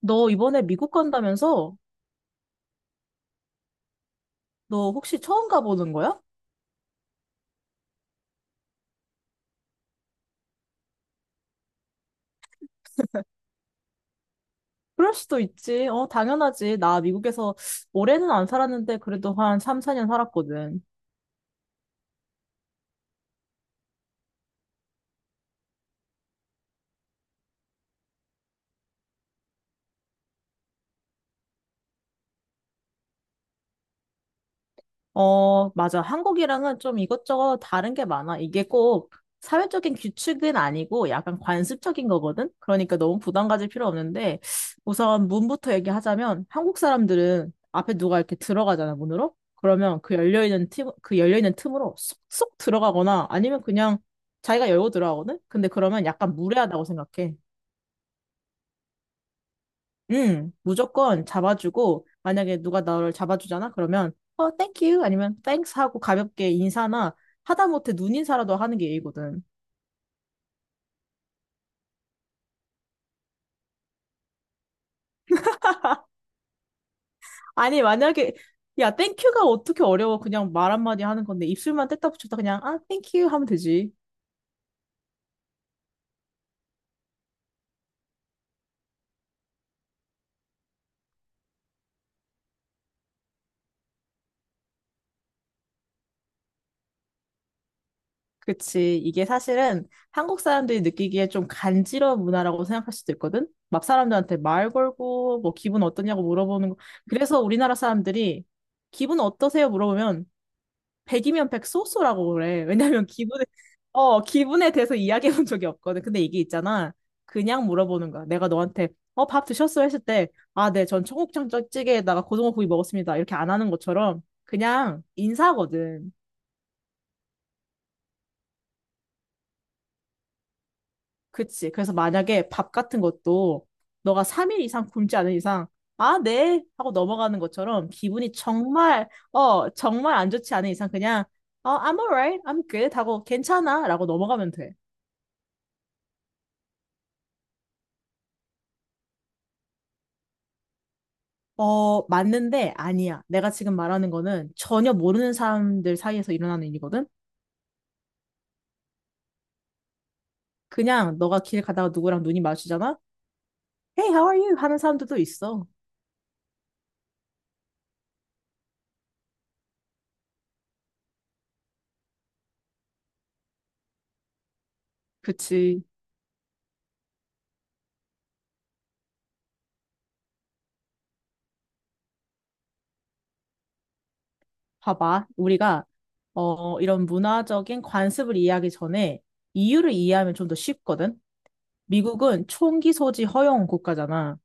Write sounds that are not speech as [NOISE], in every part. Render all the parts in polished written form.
너 이번에 미국 간다면서? 너 혹시 처음 가보는 거야? 그럴 수도 있지. 당연하지. 나 미국에서 오래는 안 살았는데 그래도 한 3, 4년 살았거든. 맞아. 한국이랑은 좀 이것저것 다른 게 많아. 이게 꼭 사회적인 규칙은 아니고 약간 관습적인 거거든? 그러니까 너무 부담 가질 필요 없는데 우선 문부터 얘기하자면 한국 사람들은 앞에 누가 이렇게 들어가잖아, 문으로? 그러면 그 열려있는 틈, 그 열려있는 틈으로 쏙쏙 들어가거나 아니면 그냥 자기가 열고 들어가거든? 근데 그러면 약간 무례하다고 생각해. 응, 무조건 잡아주고, 만약에 누가 나를 잡아주잖아? 그러면, thank you 아니면 thanks 하고 가볍게 인사나 하다못해 눈인사라도 하는 게 예의거든. 아니, 만약에, 야, thank you가 어떻게 어려워. 그냥 말 한마디 하는 건데, 입술만 뗐다 붙였다 그냥, 아, thank you 하면 되지. 그치. 이게 사실은 한국 사람들이 느끼기에 좀 간지러운 문화라고 생각할 수도 있거든? 막 사람들한테 말 걸고, 뭐, 기분 어떠냐고 물어보는 거. 그래서 우리나라 사람들이, 기분 어떠세요? 물어보면, 100이면 100 소소라고 그래. 왜냐면 기분에, 기분에 대해서 이야기해 본 적이 없거든. 근데 이게 있잖아. 그냥 물어보는 거야. 내가 너한테, 밥 드셨어? 했을 때, 아, 네, 전 청국장 찌개에다가 고등어구이 먹었습니다. 이렇게 안 하는 것처럼 그냥 인사거든. 그치. 그래서 만약에 밥 같은 것도 너가 3일 이상 굶지 않은 이상, 아, 네. 하고 넘어가는 것처럼 기분이 정말, 정말 안 좋지 않은 이상 그냥, I'm alright. I'm good. 하고 괜찮아. 라고 넘어가면 돼. 맞는데 아니야. 내가 지금 말하는 거는 전혀 모르는 사람들 사이에서 일어나는 일이거든? 그냥 너가 길 가다가 누구랑 눈이 마주치잖아? Hey, how are you? 하는 사람들도 있어. 그치. 봐봐. 우리가, 이런 문화적인 관습을 이해하기 전에 이유를 이해하면 좀 더 쉽거든? 미국은 총기 소지 허용 국가잖아.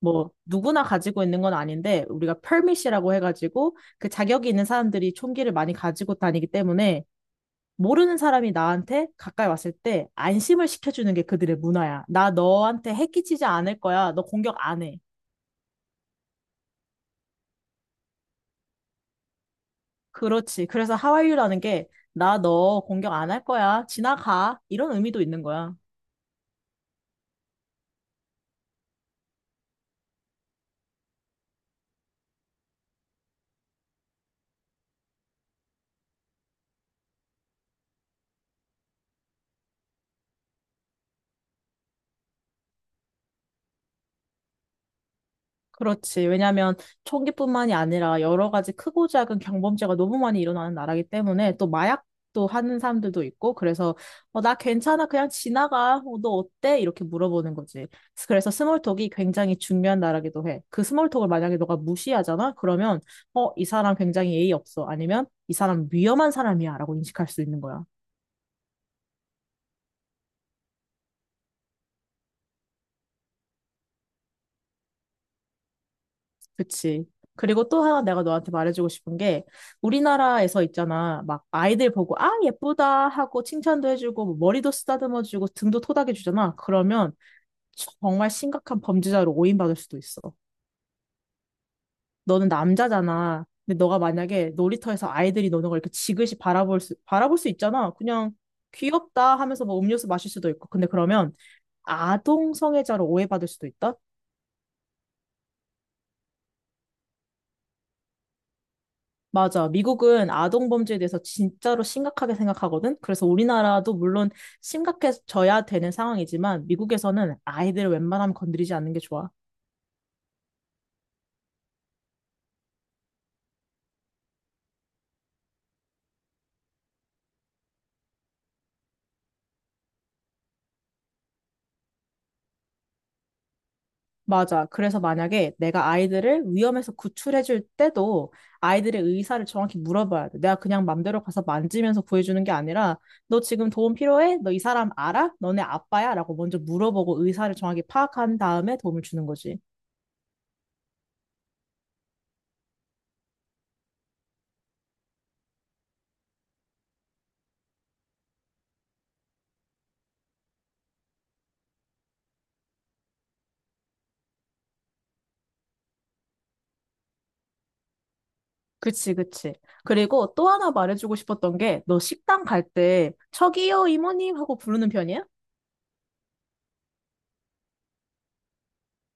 뭐, 누구나 가지고 있는 건 아닌데, 우리가 permit이라고 해가지고, 그 자격이 있는 사람들이 총기를 많이 가지고 다니기 때문에, 모르는 사람이 나한테 가까이 왔을 때 안심을 시켜주는 게 그들의 문화야. 나 너한테 해 끼치지 않을 거야. 너 공격 안 해. 그렇지. 그래서 하와이유라는 게 나 너 공격 안 할 거야. 지나가. 이런 의미도 있는 거야. 그렇지. 왜냐하면 총기뿐만이 아니라 여러 가지 크고 작은 경범죄가 너무 많이 일어나는 나라기 때문에 또 마약도 하는 사람들도 있고 그래서 나 괜찮아 그냥 지나가 어, 너 어때? 이렇게 물어보는 거지. 그래서 스몰톡이 굉장히 중요한 나라기도 해. 그 스몰톡을 만약에 너가 무시하잖아? 그러면 이 사람 굉장히 예의 없어. 아니면 이 사람 위험한 사람이야 라고 인식할 수 있는 거야. 그치. 그리고 또 하나 내가 너한테 말해주고 싶은 게 우리나라에서 있잖아. 막 아이들 보고 아 예쁘다 하고 칭찬도 해주고 뭐 머리도 쓰다듬어주고 등도 토닥여주잖아. 그러면 정말 심각한 범죄자로 오인받을 수도 있어. 너는 남자잖아. 근데 너가 만약에 놀이터에서 아이들이 노는 걸 이렇게 지그시 바라볼 수 있잖아. 그냥 귀엽다 하면서 뭐 음료수 마실 수도 있고. 근데 그러면 아동 성애자로 오해받을 수도 있다. 맞아. 미국은 아동 범죄에 대해서 진짜로 심각하게 생각하거든. 그래서 우리나라도 물론 심각해져야 되는 상황이지만 미국에서는 아이들을 웬만하면 건드리지 않는 게 좋아. 맞아. 그래서 만약에 내가 아이들을 위험에서 구출해줄 때도 아이들의 의사를 정확히 물어봐야 돼. 내가 그냥 맘대로 가서 만지면서 구해주는 게 아니라 너 지금 도움 필요해? 너 이 사람 알아? 너네 아빠야? 라고 먼저 물어보고 의사를 정확히 파악한 다음에 도움을 주는 거지. 그치, 그치. 그리고 또 하나 말해주고 싶었던 게, 너 식당 갈 때, 저기요, 이모님! 하고 부르는 편이야?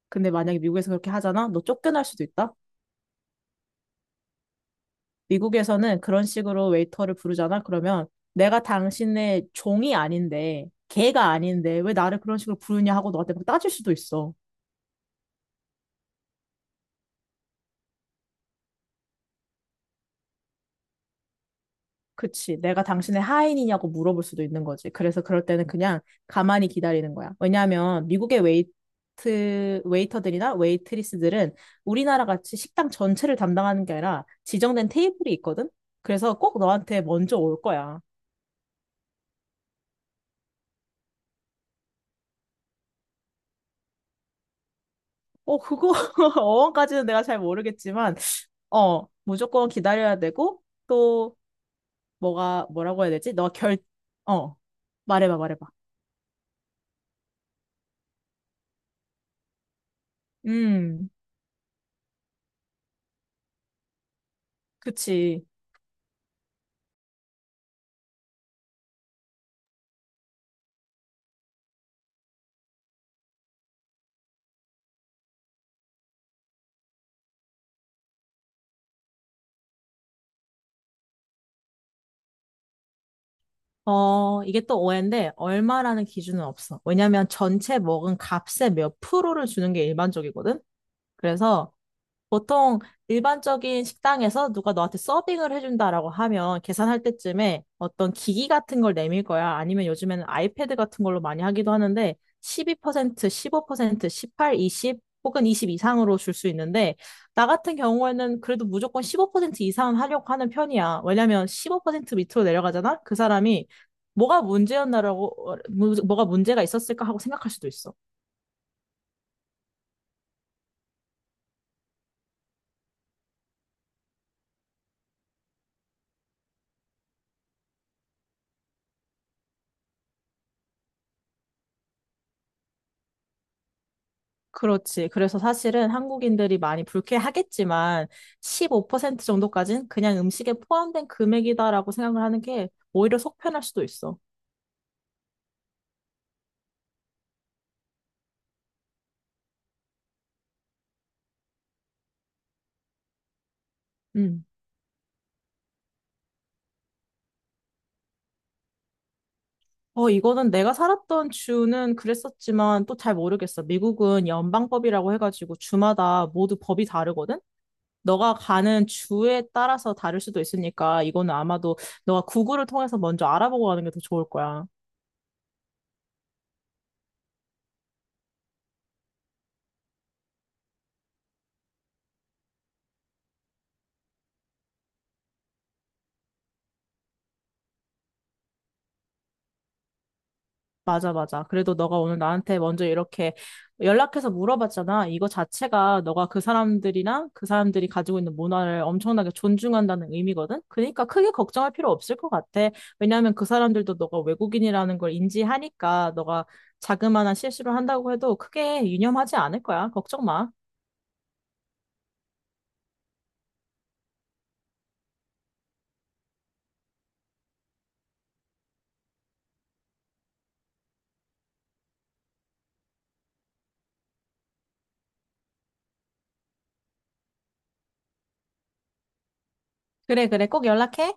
근데 만약에 미국에서 그렇게 하잖아? 너 쫓겨날 수도 있다? 미국에서는 그런 식으로 웨이터를 부르잖아? 그러면 내가 당신의 종이 아닌데, 개가 아닌데, 왜 나를 그런 식으로 부르냐 하고 너한테 막 따질 수도 있어. 그치. 내가 당신의 하인이냐고 물어볼 수도 있는 거지. 그래서 그럴 때는 그냥 가만히 기다리는 거야. 왜냐하면 미국의 웨이터들이나 웨이트리스들은 우리나라 같이 식당 전체를 담당하는 게 아니라 지정된 테이블이 있거든? 그래서 꼭 너한테 먼저 올 거야. 그거, [LAUGHS] 어원까지는 내가 잘 모르겠지만, 무조건 기다려야 되고, 또, 뭐가, 뭐라고 해야 되지? 너가 결, 어, 말해봐, 말해봐. 음, 그치. 이게 또 오해인데, 얼마라는 기준은 없어. 왜냐면 전체 먹은 값의 몇 프로를 주는 게 일반적이거든? 그래서 보통 일반적인 식당에서 누가 너한테 서빙을 해준다라고 하면 계산할 때쯤에 어떤 기기 같은 걸 내밀 거야. 아니면 요즘에는 아이패드 같은 걸로 많이 하기도 하는데, 12%, 15%, 18, 20, 혹은 20 이상으로 줄 수 있는데, 나 같은 경우에는 그래도 무조건 15% 이상은 하려고 하는 편이야. 왜냐면 15% 밑으로 내려가잖아? 그 사람이 뭐가 문제였나라고, 뭐가 문제가 있었을까 하고 생각할 수도 있어. 그렇지. 그래서 사실은 한국인들이 많이 불쾌하겠지만 15% 정도까지는 그냥 음식에 포함된 금액이다라고 생각을 하는 게 오히려 속편할 수도 있어. 음. 이거는 내가 살았던 주는 그랬었지만 또 잘 모르겠어. 미국은 연방법이라고 해가지고 주마다 모두 법이 다르거든? 너가 가는 주에 따라서 다를 수도 있으니까 이거는 아마도 너가 구글을 통해서 먼저 알아보고 가는 게 더 좋을 거야. 맞아, 맞아. 그래도 너가 오늘 나한테 먼저 이렇게 연락해서 물어봤잖아. 이거 자체가 너가 그 사람들이나 그 사람들이 가지고 있는 문화를 엄청나게 존중한다는 의미거든? 그러니까 크게 걱정할 필요 없을 것 같아. 왜냐하면 그 사람들도 너가 외국인이라는 걸 인지하니까 너가 자그마한 실수를 한다고 해도 크게 유념하지 않을 거야. 걱정 마. 그래, 그래. 꼭 연락해.